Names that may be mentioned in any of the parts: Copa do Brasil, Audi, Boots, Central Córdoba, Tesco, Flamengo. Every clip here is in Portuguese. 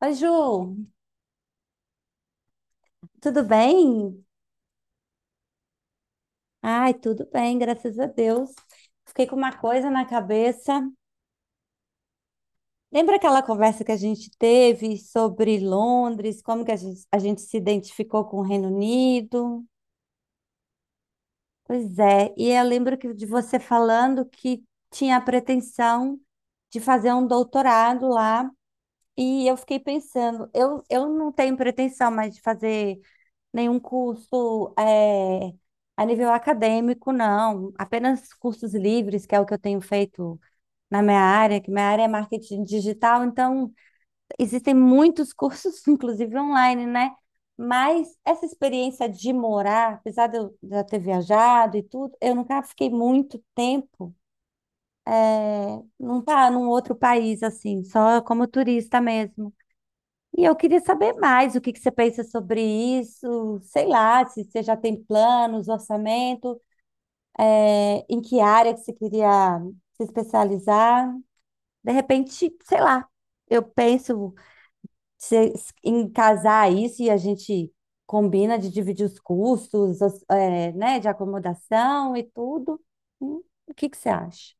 Oi, Ju, tudo bem? Ai, tudo bem, graças a Deus. Fiquei com uma coisa na cabeça. Lembra aquela conversa que a gente teve sobre Londres, como que a gente se identificou com o Reino Unido? Pois é, e eu lembro que de você falando que tinha a pretensão de fazer um doutorado lá, e eu fiquei pensando, eu não tenho pretensão mais de fazer nenhum curso a nível acadêmico, não. Apenas cursos livres, que é o que eu tenho feito na minha área, que minha área é marketing digital, então existem muitos cursos, inclusive online, né? Mas essa experiência de morar, apesar de eu já ter viajado e tudo, eu nunca fiquei muito tempo, não tá num outro país assim, só como turista mesmo. E eu queria saber mais o que que você pensa sobre isso, sei lá, se você já tem planos, orçamento, em que área que você queria se especializar. De repente, sei lá, eu penso se- em casar isso e a gente combina de dividir os custos, né, de acomodação e tudo. Hum, O que que você acha?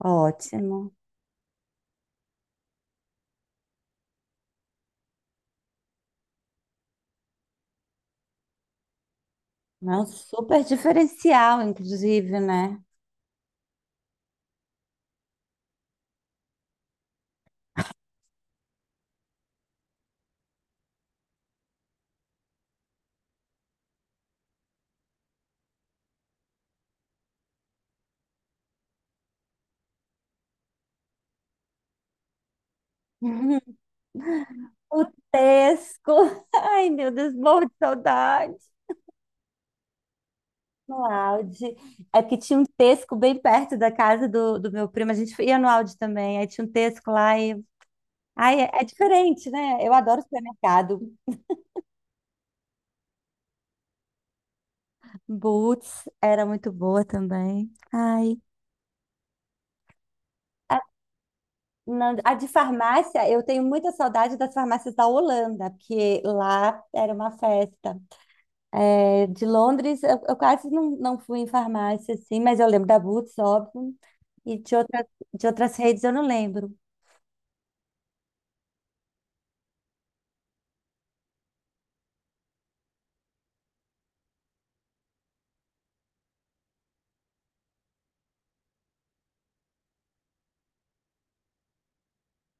Ótimo. É um super diferencial, inclusive, né? O Tesco. Ai, meu Deus, morro de saudade. No Audi. É porque tinha um Tesco bem perto da casa do meu primo. A gente ia no Audi também. Aí tinha um Tesco lá e. Ai, é diferente, né? Eu adoro supermercado. Boots era muito boa também. Ai. A, não, a de farmácia, eu tenho muita saudade das farmácias da Holanda, porque lá era uma festa. É, de Londres, eu quase não fui em farmácia, assim, mas eu lembro da Boots, óbvio. E de outras redes eu não lembro.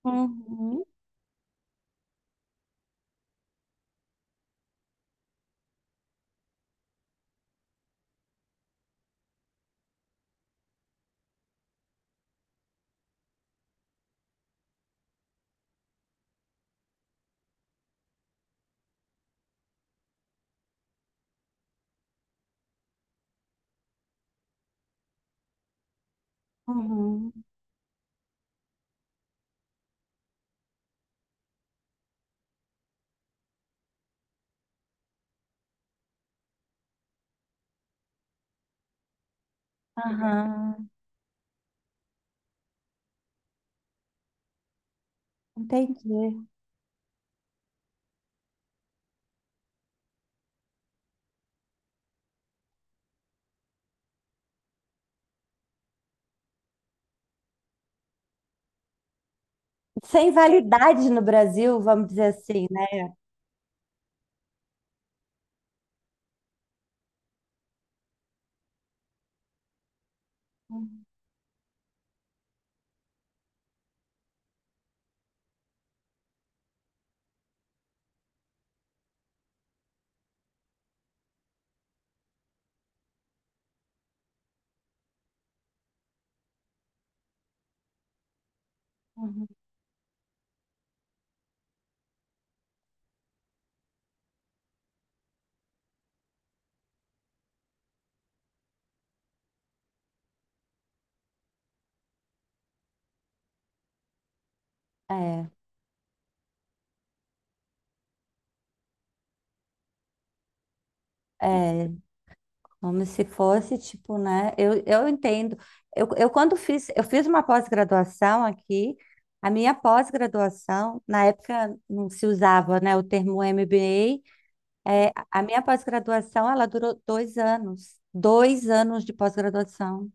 Uhum, uhum. Aham. Entendi. Sem validade no Brasil, vamos dizer assim, né? Uhum, uhum. É, é, como se fosse, tipo, né? Eu entendo. Eu quando fiz, eu fiz uma pós-graduação aqui, a minha pós-graduação, na época não se usava, né, o termo MBA, a minha pós-graduação, ela durou 2 anos, 2 anos de pós-graduação.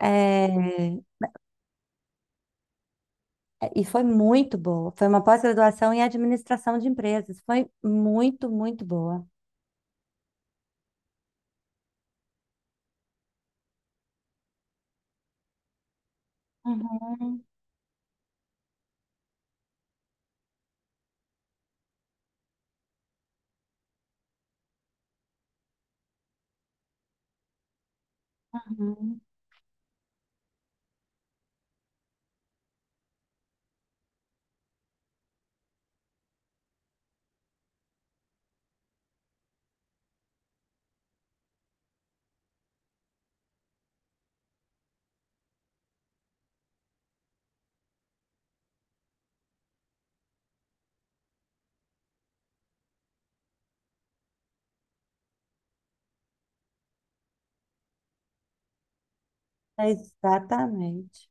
É, é, e foi muito boa. Foi uma pós-graduação em administração de empresas. Foi muito, muito boa. Uhum, uhum. Exatamente.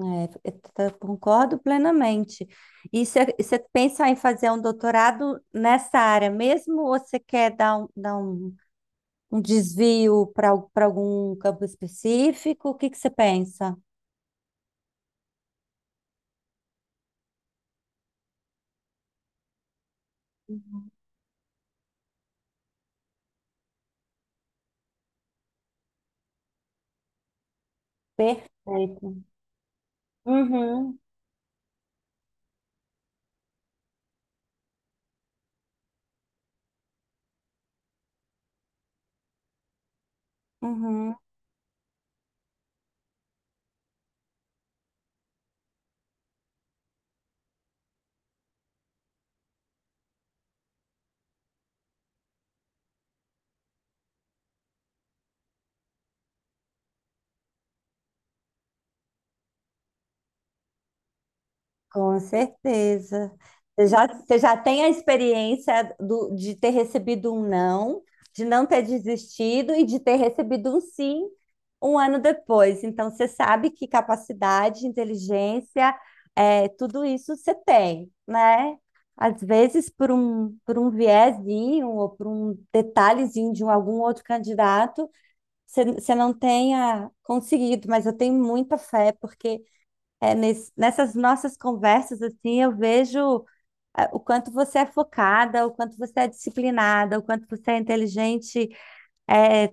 É, concordo plenamente. E você pensa em fazer um doutorado nessa área mesmo, ou você quer dar um desvio para algum campo específico? O que que você pensa? Perfeito. Uhum. Uhum. Com certeza. Você já tem a experiência de ter recebido um não, de não ter desistido e de ter recebido um sim um ano depois. Então, você sabe que capacidade, inteligência, tudo isso você tem, né? Às vezes, por um viezinho ou por um detalhezinho de algum outro candidato, você não tenha conseguido, mas eu tenho muita fé, porque. É, nessas nossas conversas, assim, eu vejo o quanto você é focada, o quanto você é disciplinada, o quanto você é inteligente, é,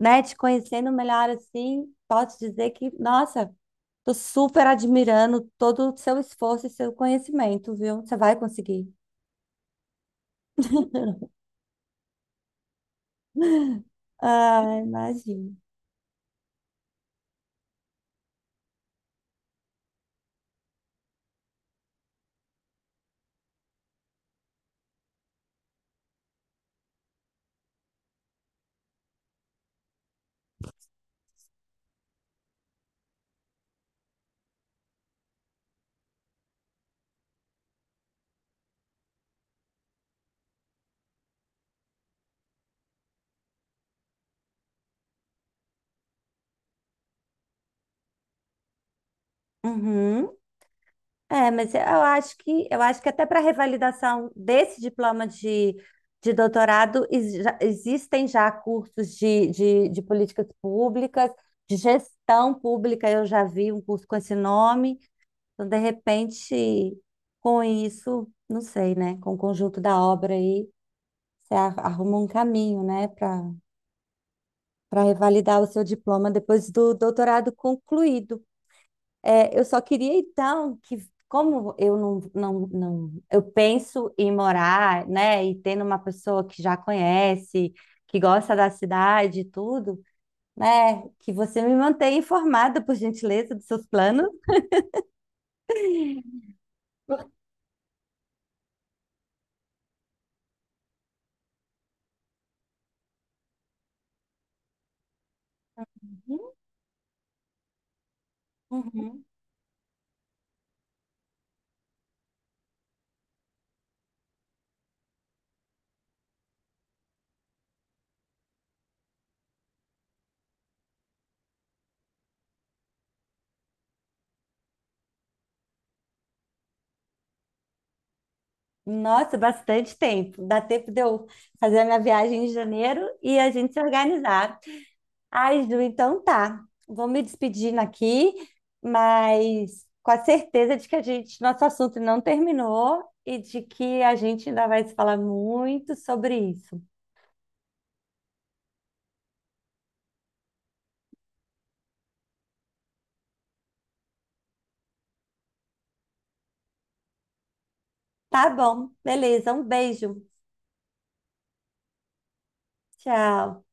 né? Te conhecendo melhor, assim, posso dizer que, nossa, tô super admirando todo o seu esforço e seu conhecimento, viu? Você vai conseguir. Ah, imagino. Uhum. É, mas eu acho que até para revalidação desse diploma de doutorado existem já cursos de políticas públicas, de gestão pública, eu já vi um curso com esse nome, então de repente com isso, não sei, né? Com o conjunto da obra aí, você arruma um caminho, né, para revalidar o seu diploma depois do doutorado concluído. É, eu só queria então que, como eu não, eu penso em morar, né, e tendo uma pessoa que já conhece, que gosta da cidade e tudo, né, que você me mantenha informada, por gentileza, dos seus planos. Uhum. Nossa, bastante tempo. Dá tempo de eu fazer a minha viagem em janeiro e a gente se organizar. Ai, Ju, então tá. Vou me despedindo aqui, mas com a certeza de que a gente, nosso assunto não terminou e de que a gente ainda vai se falar muito sobre isso. Tá bom, beleza. Um beijo. Tchau.